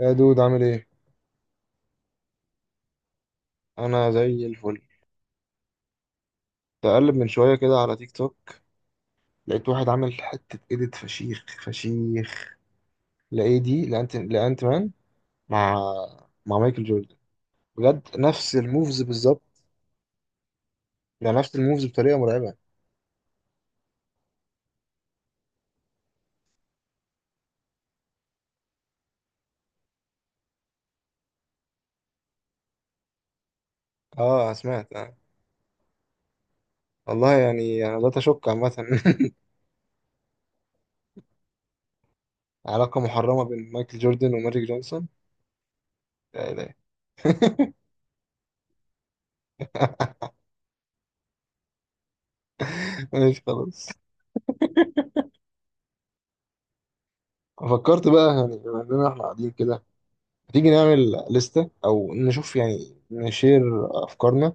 يا دود، عامل ايه؟ انا زي الفل. تقلب من شويه كده على تيك توك، لقيت واحد عامل حته ايديت فشيخ فشيخ، لايه دي، لانت لانت مان مع مع مايكل جوردن. بجد نفس الموفز بالظبط. يعني نفس الموفز بطريقه مرعبه. اه، سمعت آه. والله يعني انا بدأت اشك عامه. علاقه محرمه بين مايكل جوردن وماجيك جونسون. لا، لا. ماشي، خلاص. فكرت بقى، يعني بما اننا احنا قاعدين كده، هتيجي نعمل لستة أو نشوف، يعني نشير أفكارنا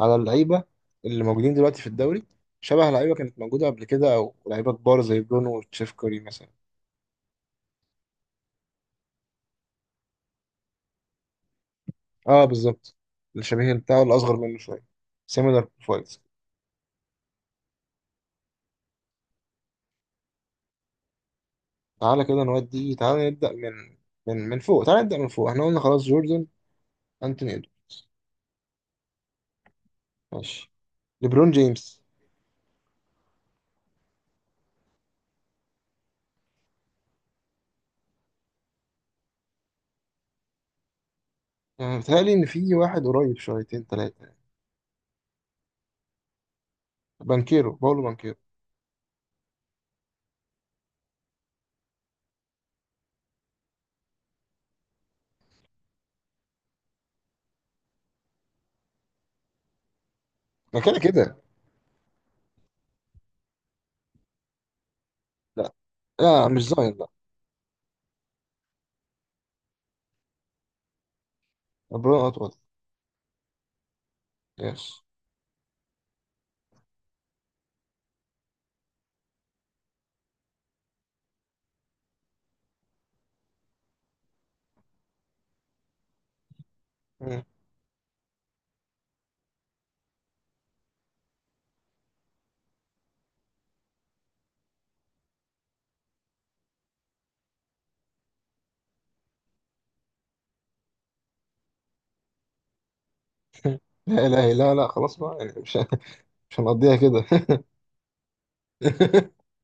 على اللعيبة اللي موجودين دلوقتي في الدوري، شبه لعيبة كانت موجودة قبل كده أو لعيبة كبار زي برونو وتشيفكوري مثلا. أه بالظبط، الشبيه بتاعه الأصغر منه شوية، similar profiles. تعالى كده نودي، تعالى نبدأ من من فوق، تعالى نبدأ من فوق. احنا قلنا خلاص جوردن، أنتوني إدوارد. ماشي، ليبرون جيمس. يعني بيتهيألي إن في واحد قريب شويتين تلاتة، بانكيرو، باولو بانكيرو. ما كده كده. لا، لا، مش ظاهر، لا. ليبرون أطول. يس. مم. لا، لا، لا، لا، خلاص بقى، يعني مش هنقضيها كده.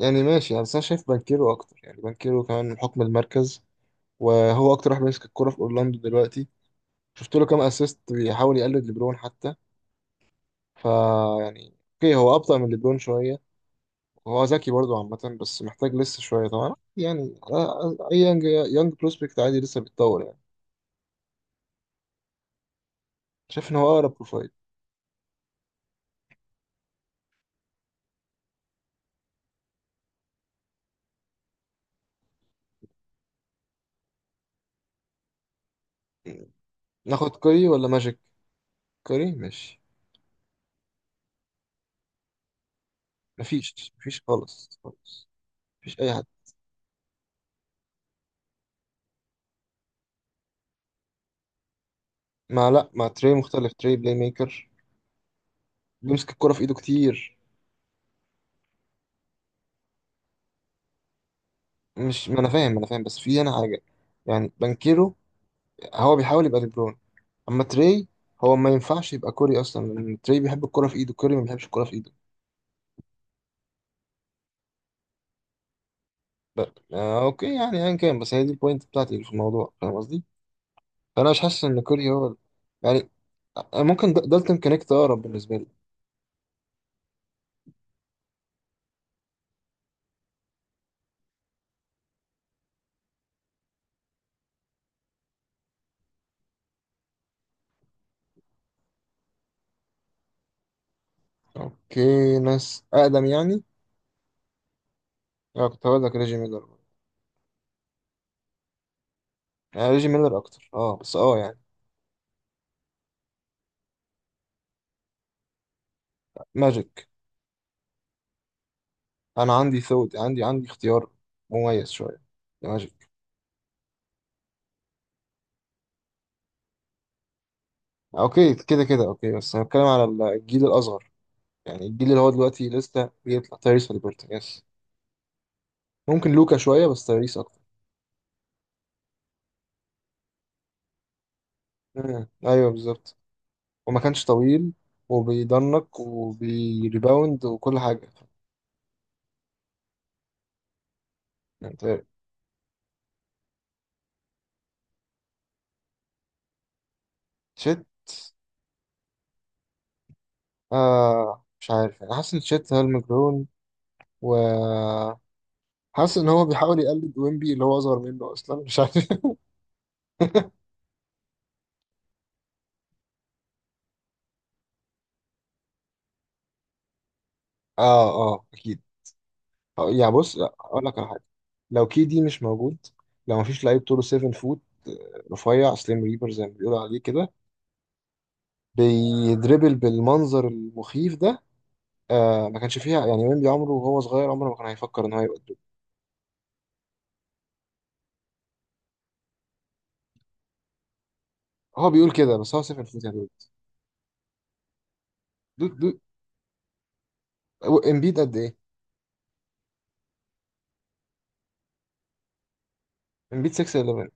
يعني ماشي، يعني بس انا شايف بانكيرو اكتر، يعني بانكيرو كمان من حكم المركز، وهو اكتر واحد ماسك الكرة في اورلاندو دلوقتي، شفت له كام اسيست بيحاول يقلد ليبرون حتى. فا يعني اوكي، هو ابطأ من ليبرون شوية، وهو ذكي برضه عامة، بس محتاج لسه شوية طبعا يعني. اي يانج، يانج بروسبكت عادي لسه بيتطور يعني. شايف ان هو اقرب بروفايل. ناخد كوري ولا ماجيك؟ كوري ماشي. مفيش خالص. مفيش اي حد. ما، لا، ما تري مختلف، تري بلاي ميكر. بيمسك الكرة في ايده كتير. مش، ما انا فاهم، بس في هنا حاجة. يعني بانكيرو هو بيحاول يبقى دي بروين. اما تري، هو ما ينفعش يبقى كوري اصلا، لان تري بيحب الكرة في ايده، كوري ما بيحبش الكرة في ايده. اوكي يعني، ايا كان، بس هي دي البوينت بتاعتي في الموضوع، فاهم قصدي. فانا مش حاسس ان كوري هو، يعني ممكن دالتون كونكت اقرب بالنسبة لي. اوكي، ناس اقدم يعني. اه، كنت هقول لك ريجي ميلر. ريجي ميلر اكتر، اه، بس اه يعني. ماجيك. انا عندي ثوت، عندي اختيار مميز شويه. ماجيك. اوكي، كده كده، اوكي، بس هنتكلم على الجيل الاصغر، يعني الجيل اللي هو دلوقتي لسه بيطلع، تايريس هاليبرتون، يس. ممكن لوكا شويه، بس تايريس اكتر. مم، ايوه بالظبط. وما كانش طويل، وبيضنك وبيريباوند وكل حاجه. يعني تشيت. آه، مش عارف يعني، حاسس ان تشيت هالمجنون، و، حاسس ان هو بيحاول يقلد ويمبي اللي هو اصغر منه اصلا، مش عارف. اه، اه، اكيد. يعني بص، لا، اقول لك على حاجه. لو كي دي مش موجود، لو مفيش لعيب طوله 7 فوت، رفيع سليم ريبر زي ما بيقولوا عليه كده، بيدربل بالمنظر المخيف ده. ما كانش فيها يعني، ويمبي عمره وهو صغير، عمره ما كان هيفكر ان هو يبقى الدود. هو بيقول كده، بس هو 7 فوت يا دود. دود، هو امبيد قد ايه؟ امبيد 6 11.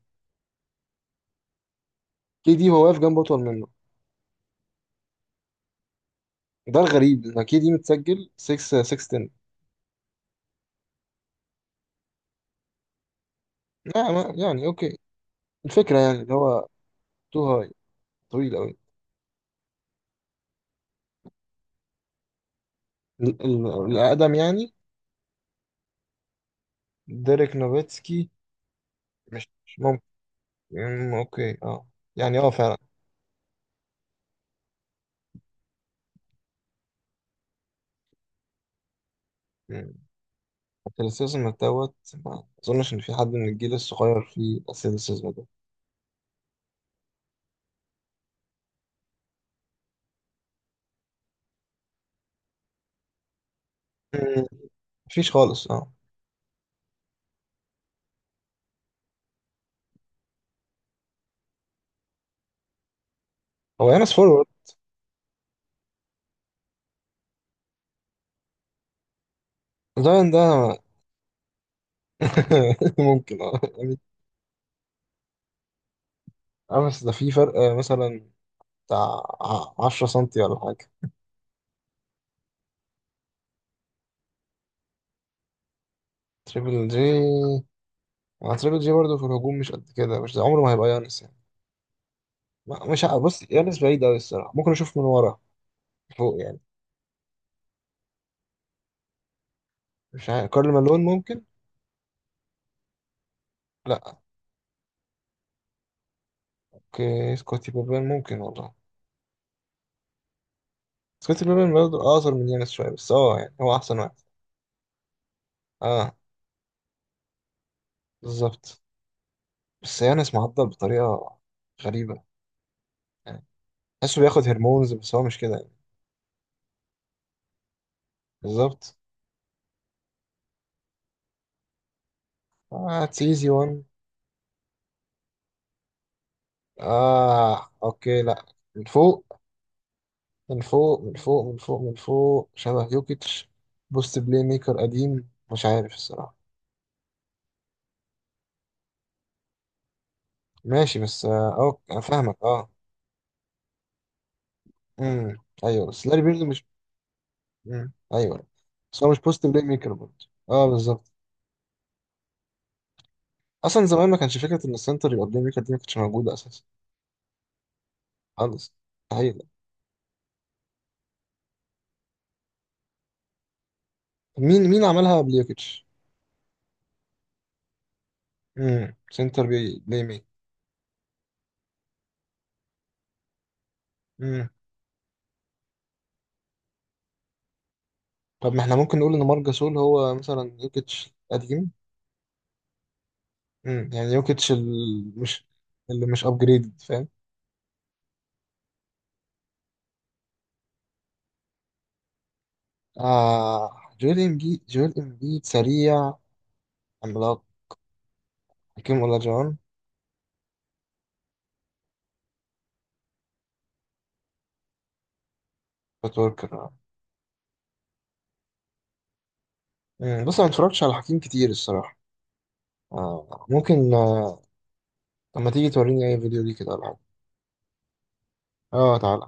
كي دي هو واقف جنبه اطول منه. ده الغريب، ان كي دي متسجل 6، 6 10. يعني اوكي، الفكره يعني اللي هو تو هاي، طويل قوي. ال- ال- الاقدم يعني. ديريك نوفيتسكي. مش ممكن. أمم، اوكي اه، يعني اه فعلا. أمم، الاتليتيزم دوت. ما اظنش ان في حد من الجيل الصغير فيه الاتليتيزم ده. أمم، مفيش خالص اه. هو يانس فورورد. زاين ده؟ ممكن اه يعني. اه بس ده في فرق، مثلا بتاع 10 سنتي ولا حاجة. تريبل جي. تريبل جي برضه في الهجوم مش قد كده، مش زي- عمره ما هيبقى يانس يعني. ما- مش ع- بص يانس بعيد أوي الصراحة، ممكن أشوف من ورا فوق يعني. مش عارف، كارل مالون ممكن. لا. اوكي، سكوتي بابان ممكن والله. سكوتي بابان برضه اقصر من يانس شويه، بس اه يعني هو احسن واحد. اه بالظبط. بس يانس معضل بطريقه غريبه. يعني تحسه بياخد هرمونز، بس هو مش كده يعني. بالظبط. اه، اتس ايزي وان. اه اوكي لا، من فوق من فوق شبه يوكيتش. بوست بلاي ميكر قديم، مش عارف الصراحه. ماشي، بس اه انا فاهمك اه. امم، ايوه، بس لاري بيرد مش. مم، ايوه. بس هو مش بوست بلاي ميكر برضه، اه بالظبط. اصلا زمان ما كانش فكره ان السنتر يبقى بلاي ميكر دي، ما كانتش موجوده اساسا. خالص، مستحيل. مين عملها قبل يوكيتش؟ امم، سنتر بي بلاي ميكر. امم، طب ما احنا ممكن نقول ان مارك جاسول هو مثلا يوكيتش قديم. امم، يعني يوكيتش مش اللي مش ابجريد، فاهم. آه، جويل امبيد، جويل امبيد سريع، عملاق. حكيم ولا جون؟ بتوركر. بس انا ما اتفرجتش على حكيم كتير الصراحه. آه ممكن. طب ما تيجي توريني اي فيديو ليه كده ولا حاجه. اه، تعال.